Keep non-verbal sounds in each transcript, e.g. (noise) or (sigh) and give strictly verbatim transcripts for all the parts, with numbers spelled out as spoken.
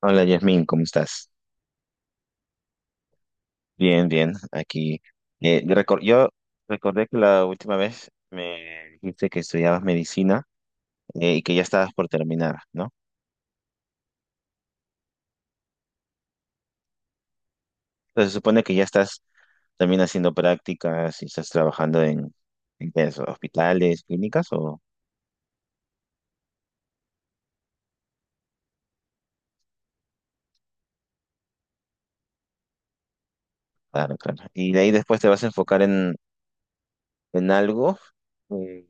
Hola Yasmin, ¿cómo estás? Bien, bien, aquí. Eh, yo recor- yo recordé que la última vez me dijiste que estudiabas medicina eh, y que ya estabas por terminar, ¿no? Entonces se supone que ya estás también haciendo prácticas y estás trabajando en, en qué es, hospitales, clínicas o... Claro, claro. Y de ahí después te vas a enfocar en, en algo. eh,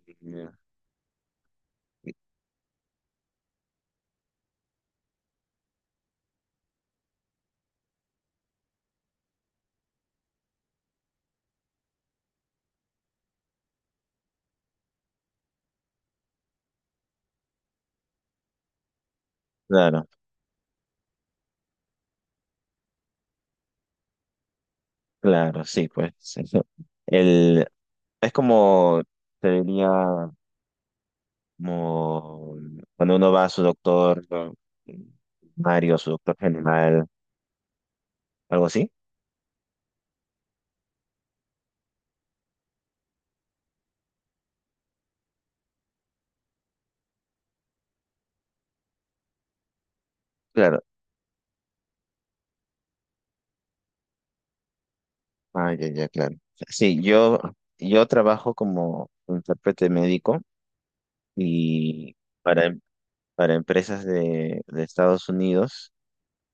Claro, claro, sí, pues, eso. El, es como, te diría, como cuando uno va a su doctor, ¿no? Mario, su doctor general, algo así. Claro. Ah, ya, ya, claro. Sí, yo, yo trabajo como intérprete médico y para, em- para empresas de, de Estados Unidos.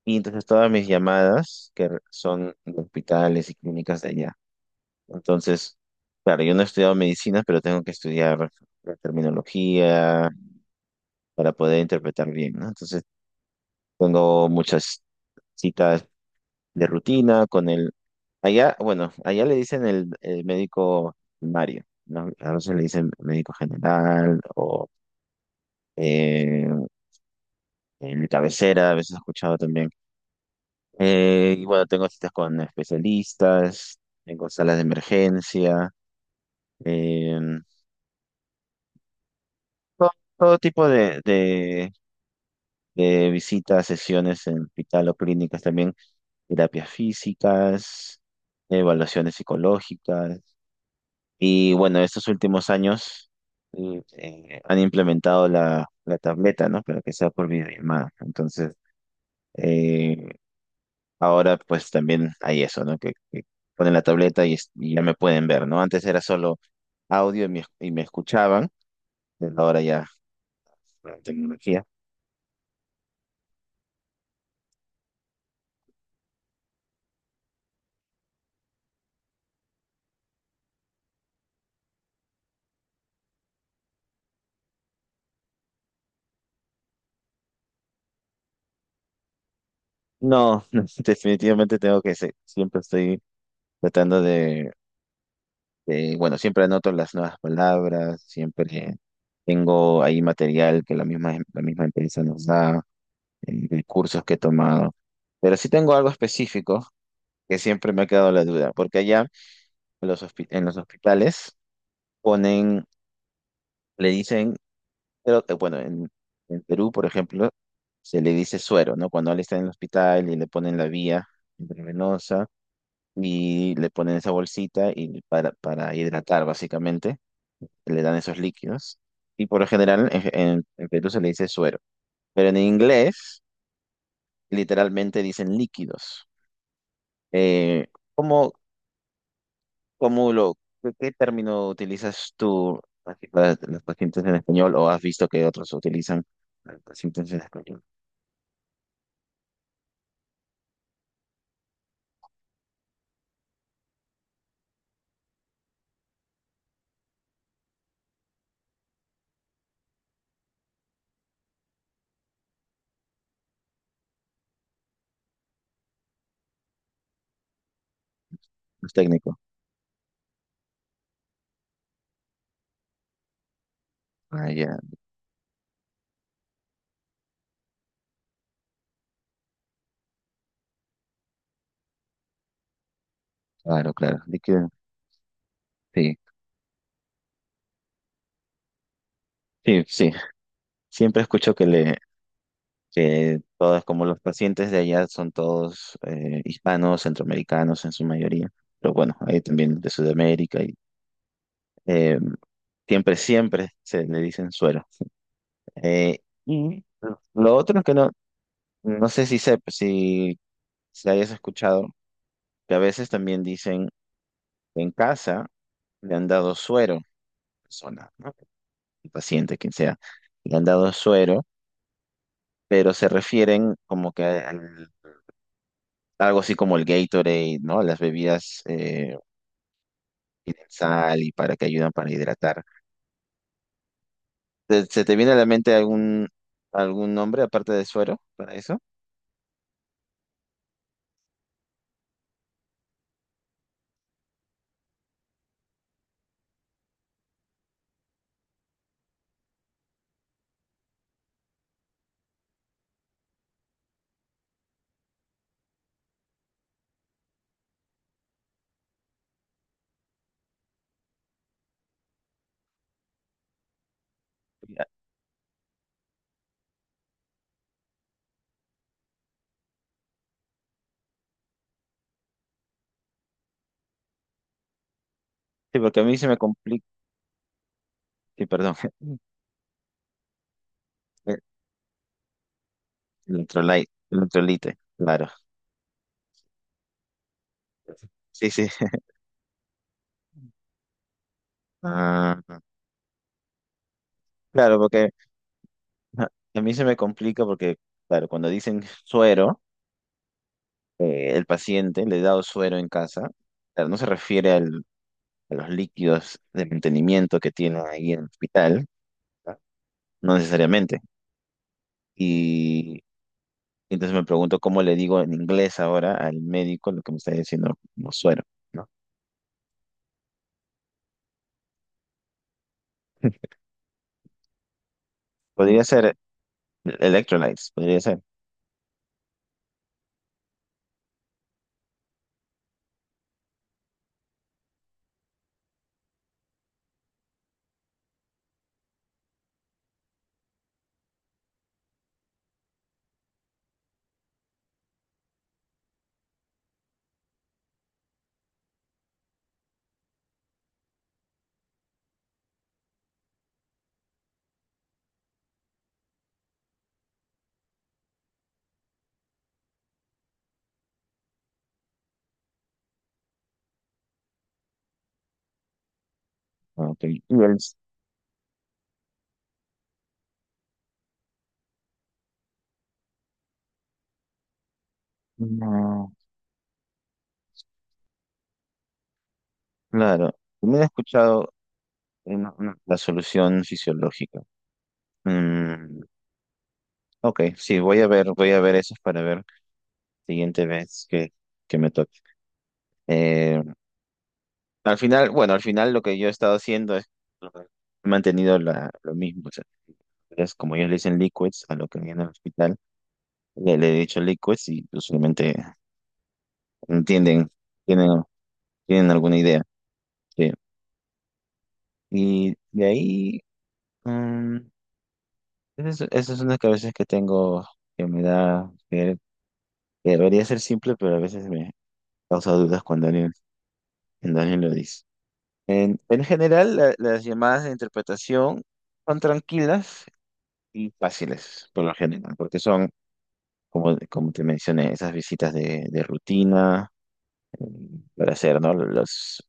Y entonces todas mis llamadas que re- son de hospitales y clínicas de allá. Entonces, claro, yo no he estudiado medicina, pero tengo que estudiar la terminología para poder interpretar bien, ¿no? Entonces, tengo muchas citas de rutina con el... Allá, bueno, allá le dicen el, el médico primario, ¿no? A veces le dicen médico general o eh, el cabecera, a veces he escuchado también. Eh, y bueno, tengo citas con especialistas, tengo salas de emergencia, eh, todo, todo tipo de, de, de visitas, sesiones en hospital o clínicas también, terapias físicas, evaluaciones psicológicas. Y bueno, estos últimos años eh, eh, han implementado la, la tableta, ¿no? Pero que sea por videollamada. Entonces, eh, ahora pues también hay eso, ¿no? Que, que ponen la tableta y, es- y ya me pueden ver, ¿no? Antes era solo audio y me, y me escuchaban, pero ahora ya la tecnología. No, (laughs) no, definitivamente tengo que, se- siempre estoy tratando de, de, bueno, siempre anoto las nuevas palabras, siempre tengo ahí material que la misma, la misma empresa nos da eh, cursos que he tomado. Pero sí tengo algo específico que siempre me ha quedado la duda, porque allá en los, hospi- en los hospitales ponen, le dicen, pero, eh, bueno, en, en Perú, por ejemplo, se le dice suero, ¿no? Cuando él está en el hospital y le ponen la vía intravenosa y le ponen esa bolsita y para, para hidratar, básicamente, le dan esos líquidos. Y por lo general en, en en Perú se le dice suero, pero en inglés literalmente dicen líquidos. Eh, ¿Cómo, ¿Cómo lo, qué, ¿Qué término utilizas tú así para los pacientes en español o has visto que otros utilizan a los pacientes en español? Es técnico. Ah, ya, claro, claro. De Sí, sí, sí. Siempre escucho que le, que todos, como los pacientes de allá son todos eh, hispanos, centroamericanos en su mayoría, pero bueno, hay también de Sudamérica y eh, siempre, siempre se le dicen suero. Eh, y lo otro es que no, no sé si, se, si, si hayas escuchado que a veces también dicen que en casa le han dado suero, a la persona, ¿no? El paciente, quien sea, le han dado suero, pero se refieren como que al- algo así como el Gatorade, ¿no? Las bebidas eh, tienen sal y para que ayudan para hidratar. ¿Te- ¿Se te viene a la mente algún, algún nombre aparte de suero para eso? Sí, porque a mí se me complica. Sí, perdón. (laughs) Electrolite, electrolite, claro. Sí, sí. (laughs) Ah, claro, porque ajá. A mí se me complica porque, claro, cuando dicen suero, eh, el paciente le he dado suero en casa, claro, no se refiere al- a los líquidos de mantenimiento que tiene ahí en el hospital, no no necesariamente. Y entonces me pregunto cómo le digo en inglés ahora al médico lo que me está diciendo como suero, ¿no? Podría ser electrolytes, podría ser. ¿No? y el- no, claro, también he escuchado una- una- la solución fisiológica. Mm, ok, sí, voy a ver, voy a ver esas para ver siguiente vez que, que me toque. Eh, al final, bueno, Al final lo que yo he estado haciendo es he mantenido la, lo mismo. O sea, es como ellos le dicen liquids a lo que viene al hospital, le, le he dicho liquids y usualmente entienden, tienen, tienen alguna idea. Sí. Y de ahí, mm, esa es, esa es una que a veces que tengo que me da, que, que debería ser simple, pero a veces me causa dudas cuando alguien, cuando alguien lo dice. En, en general, la- las llamadas de interpretación son tranquilas y fáciles, por lo general, porque son, como, como te mencioné, esas visitas de, de rutina eh, para hacer, ¿no? Los,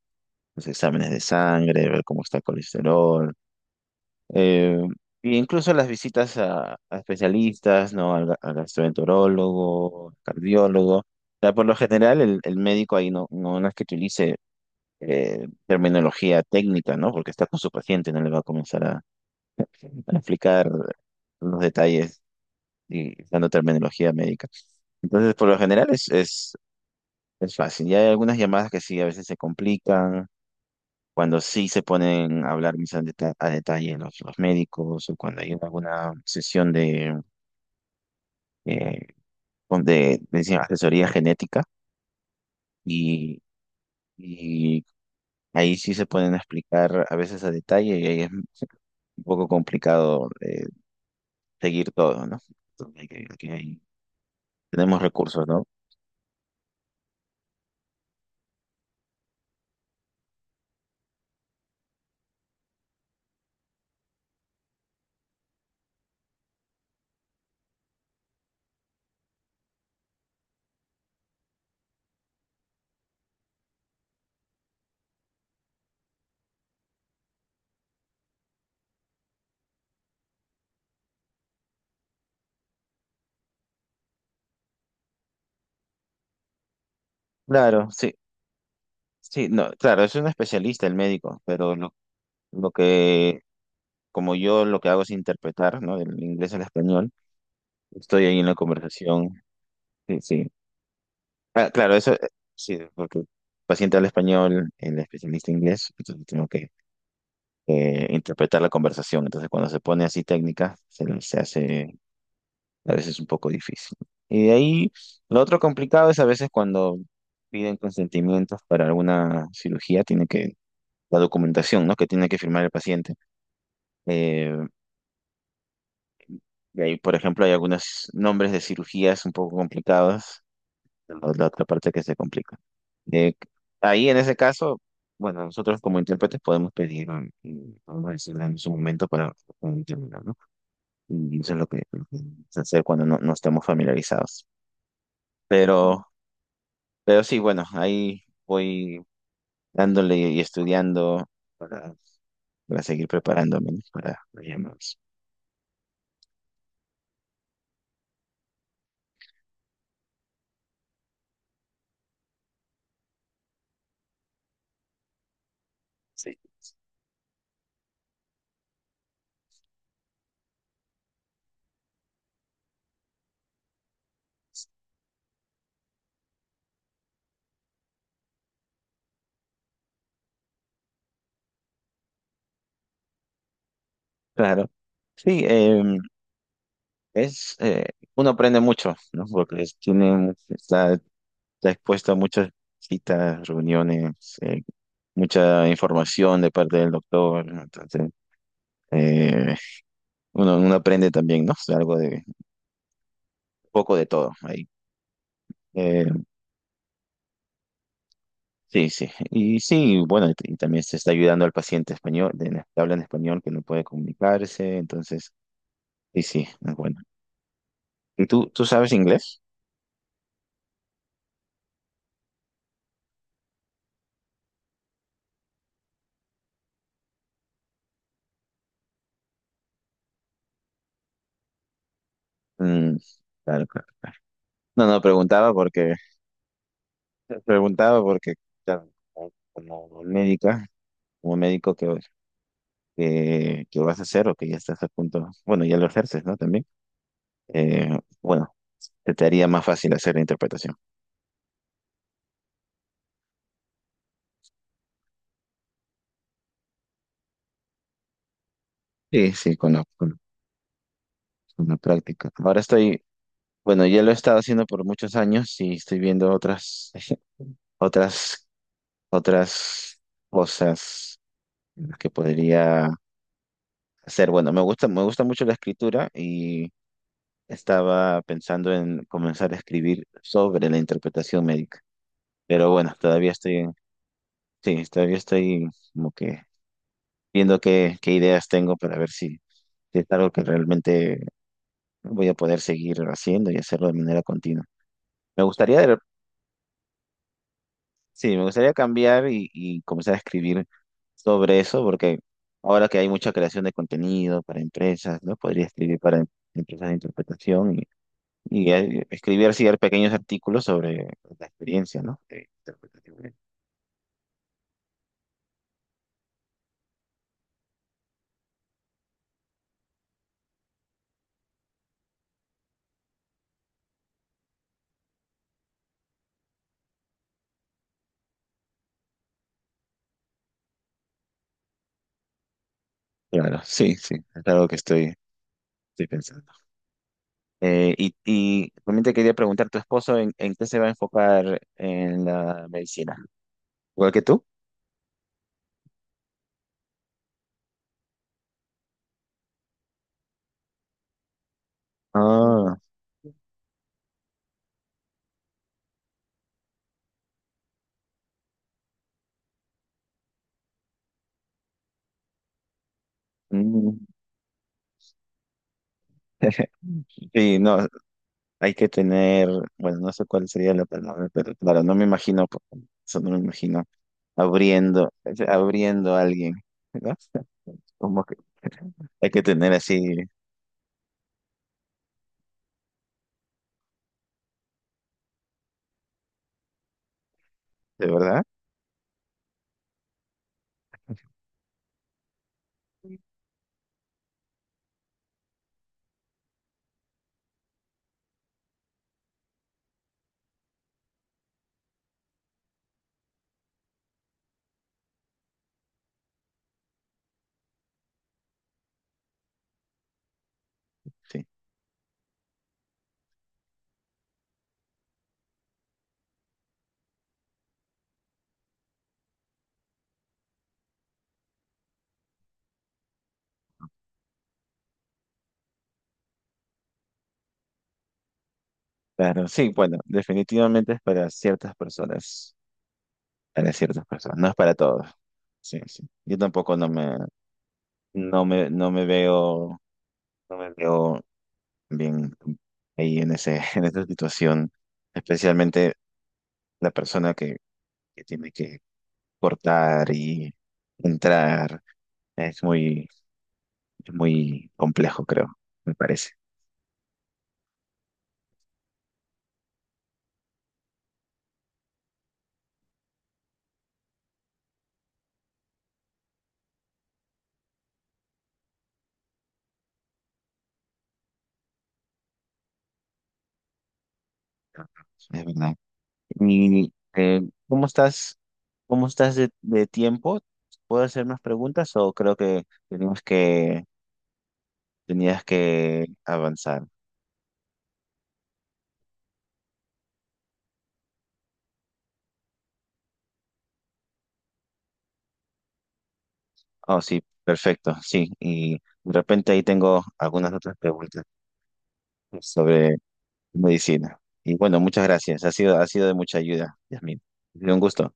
Los exámenes de sangre, ver cómo está el colesterol, eh, e incluso las visitas a, a especialistas, ¿no? Al, ga- al gastroenterólogo, cardiólogo. O sea, por lo general, el, el médico ahí no, no, no es que utilice eh, terminología técnica, ¿no? Porque está con su paciente, no le va a comenzar a, a explicar los detalles y dando terminología médica. Entonces, por lo general es, es, es fácil. Ya hay algunas llamadas que sí, a veces se complican, cuando sí se ponen a hablar más a deta- a detalle los, los médicos o cuando hay alguna sesión de, eh, con- de, de decir, asesoría genética y, y ahí sí se pueden explicar a veces a detalle y ahí es un poco complicado, eh, seguir todo, ¿no? Entonces, hay que- aquí hay- tenemos recursos, ¿no? Claro, sí, sí, no, claro, es un especialista el médico, pero lo, lo que, como yo lo que hago es interpretar, ¿no? Del inglés al español, estoy ahí en la conversación, sí, sí. Ah, claro, eso, eh, sí, porque el paciente habla español, el especialista inglés, entonces tengo que eh, interpretar la conversación, entonces cuando se pone así técnica, se, se hace a veces es un poco difícil. Y de ahí, lo otro complicado es a veces cuando piden consentimientos para alguna cirugía, tiene que, la documentación, ¿no? Que tiene que firmar el paciente. Eh, y ahí, por ejemplo, hay algunos nombres de cirugías un poco complicados, la, la otra parte que se complica. Eh, Ahí, en ese caso, bueno, nosotros como intérpretes podemos pedir, mm, y podemos decirle en su momento para un término, ¿no? Y eso es lo que, lo que se hace cuando no, no estamos familiarizados. Pero Pero sí, bueno, ahí voy dándole y estudiando para, para seguir preparándome, ¿no?, para los llamados. Sí, claro. Sí, eh, es, eh, uno aprende mucho, ¿no? Porque es- tiene, está, está expuesto a muchas citas, reuniones, eh, mucha información de parte del doctor, ¿no? Entonces, eh, uno, uno aprende también, ¿no? O sea, algo de, un poco de todo ahí. Eh, Sí, sí. Y sí, bueno, y, t- y también se está ayudando al paciente español, de, la que habla en español, que no puede comunicarse, entonces, sí, sí, es bueno. ¿Y tú, tú sabes inglés? Mm, claro, claro, claro. No, no, preguntaba porque, (laughs) preguntaba porque, claro, como médica, como médico que, que, que vas a hacer o que ya estás a punto, bueno, ya lo ejerces, ¿no? También, eh, bueno, te, te haría más fácil hacer la interpretación. Sí, sí, con la, con con la práctica. Ahora estoy, Bueno, ya lo he estado haciendo por muchos años y estoy viendo otras, (laughs) otras, otras cosas que podría hacer. Bueno, me gusta, me gusta mucho la escritura y estaba pensando en comenzar a escribir sobre la interpretación médica. Pero bueno, todavía estoy, en- sí, todavía estoy como que viendo qué, qué ideas tengo para ver si, si es algo que realmente voy a poder seguir haciendo y hacerlo de manera continua. Me gustaría de Sí, me gustaría cambiar y, y comenzar a escribir sobre eso, porque ahora que hay mucha creación de contenido para empresas, ¿no? Podría escribir para em- empresas de interpretación y, y, eh, escribir así pequeños artículos sobre la experiencia, ¿no?, de interpretación. Claro, sí, sí, es algo que estoy, estoy pensando. Eh, y, y también te quería preguntar, ¿tu esposo en, en qué se va a enfocar en la medicina? ¿Igual que tú? Ah, mm. (laughs) Sí, no, hay que tener, bueno, no sé cuál sería la palabra, pero claro, no me imagino, po- eso no me imagino abriendo, abriendo a alguien, ¿verdad? (laughs) Como que hay que tener así. ¿De verdad? Sí, claro, sí, bueno, definitivamente es para ciertas personas, para ciertas personas, no es para todos. Sí, sí. Yo tampoco no me, no me, no me veo, no me veo bien ahí en ese, (laughs) en esa situación, especialmente la persona que, que tiene que cortar y entrar. Es muy, es muy complejo, creo, me parece. Es verdad. Y eh, ¿cómo estás? ¿Cómo estás de, de tiempo? ¿Puedo hacer más preguntas o creo que tenías que tenías que avanzar? Oh, sí, perfecto, sí. Y de repente ahí tengo algunas otras preguntas sobre medicina. Y bueno, muchas gracias. Ha sido, ha sido de mucha ayuda, Yasmin. Ha sido un gusto.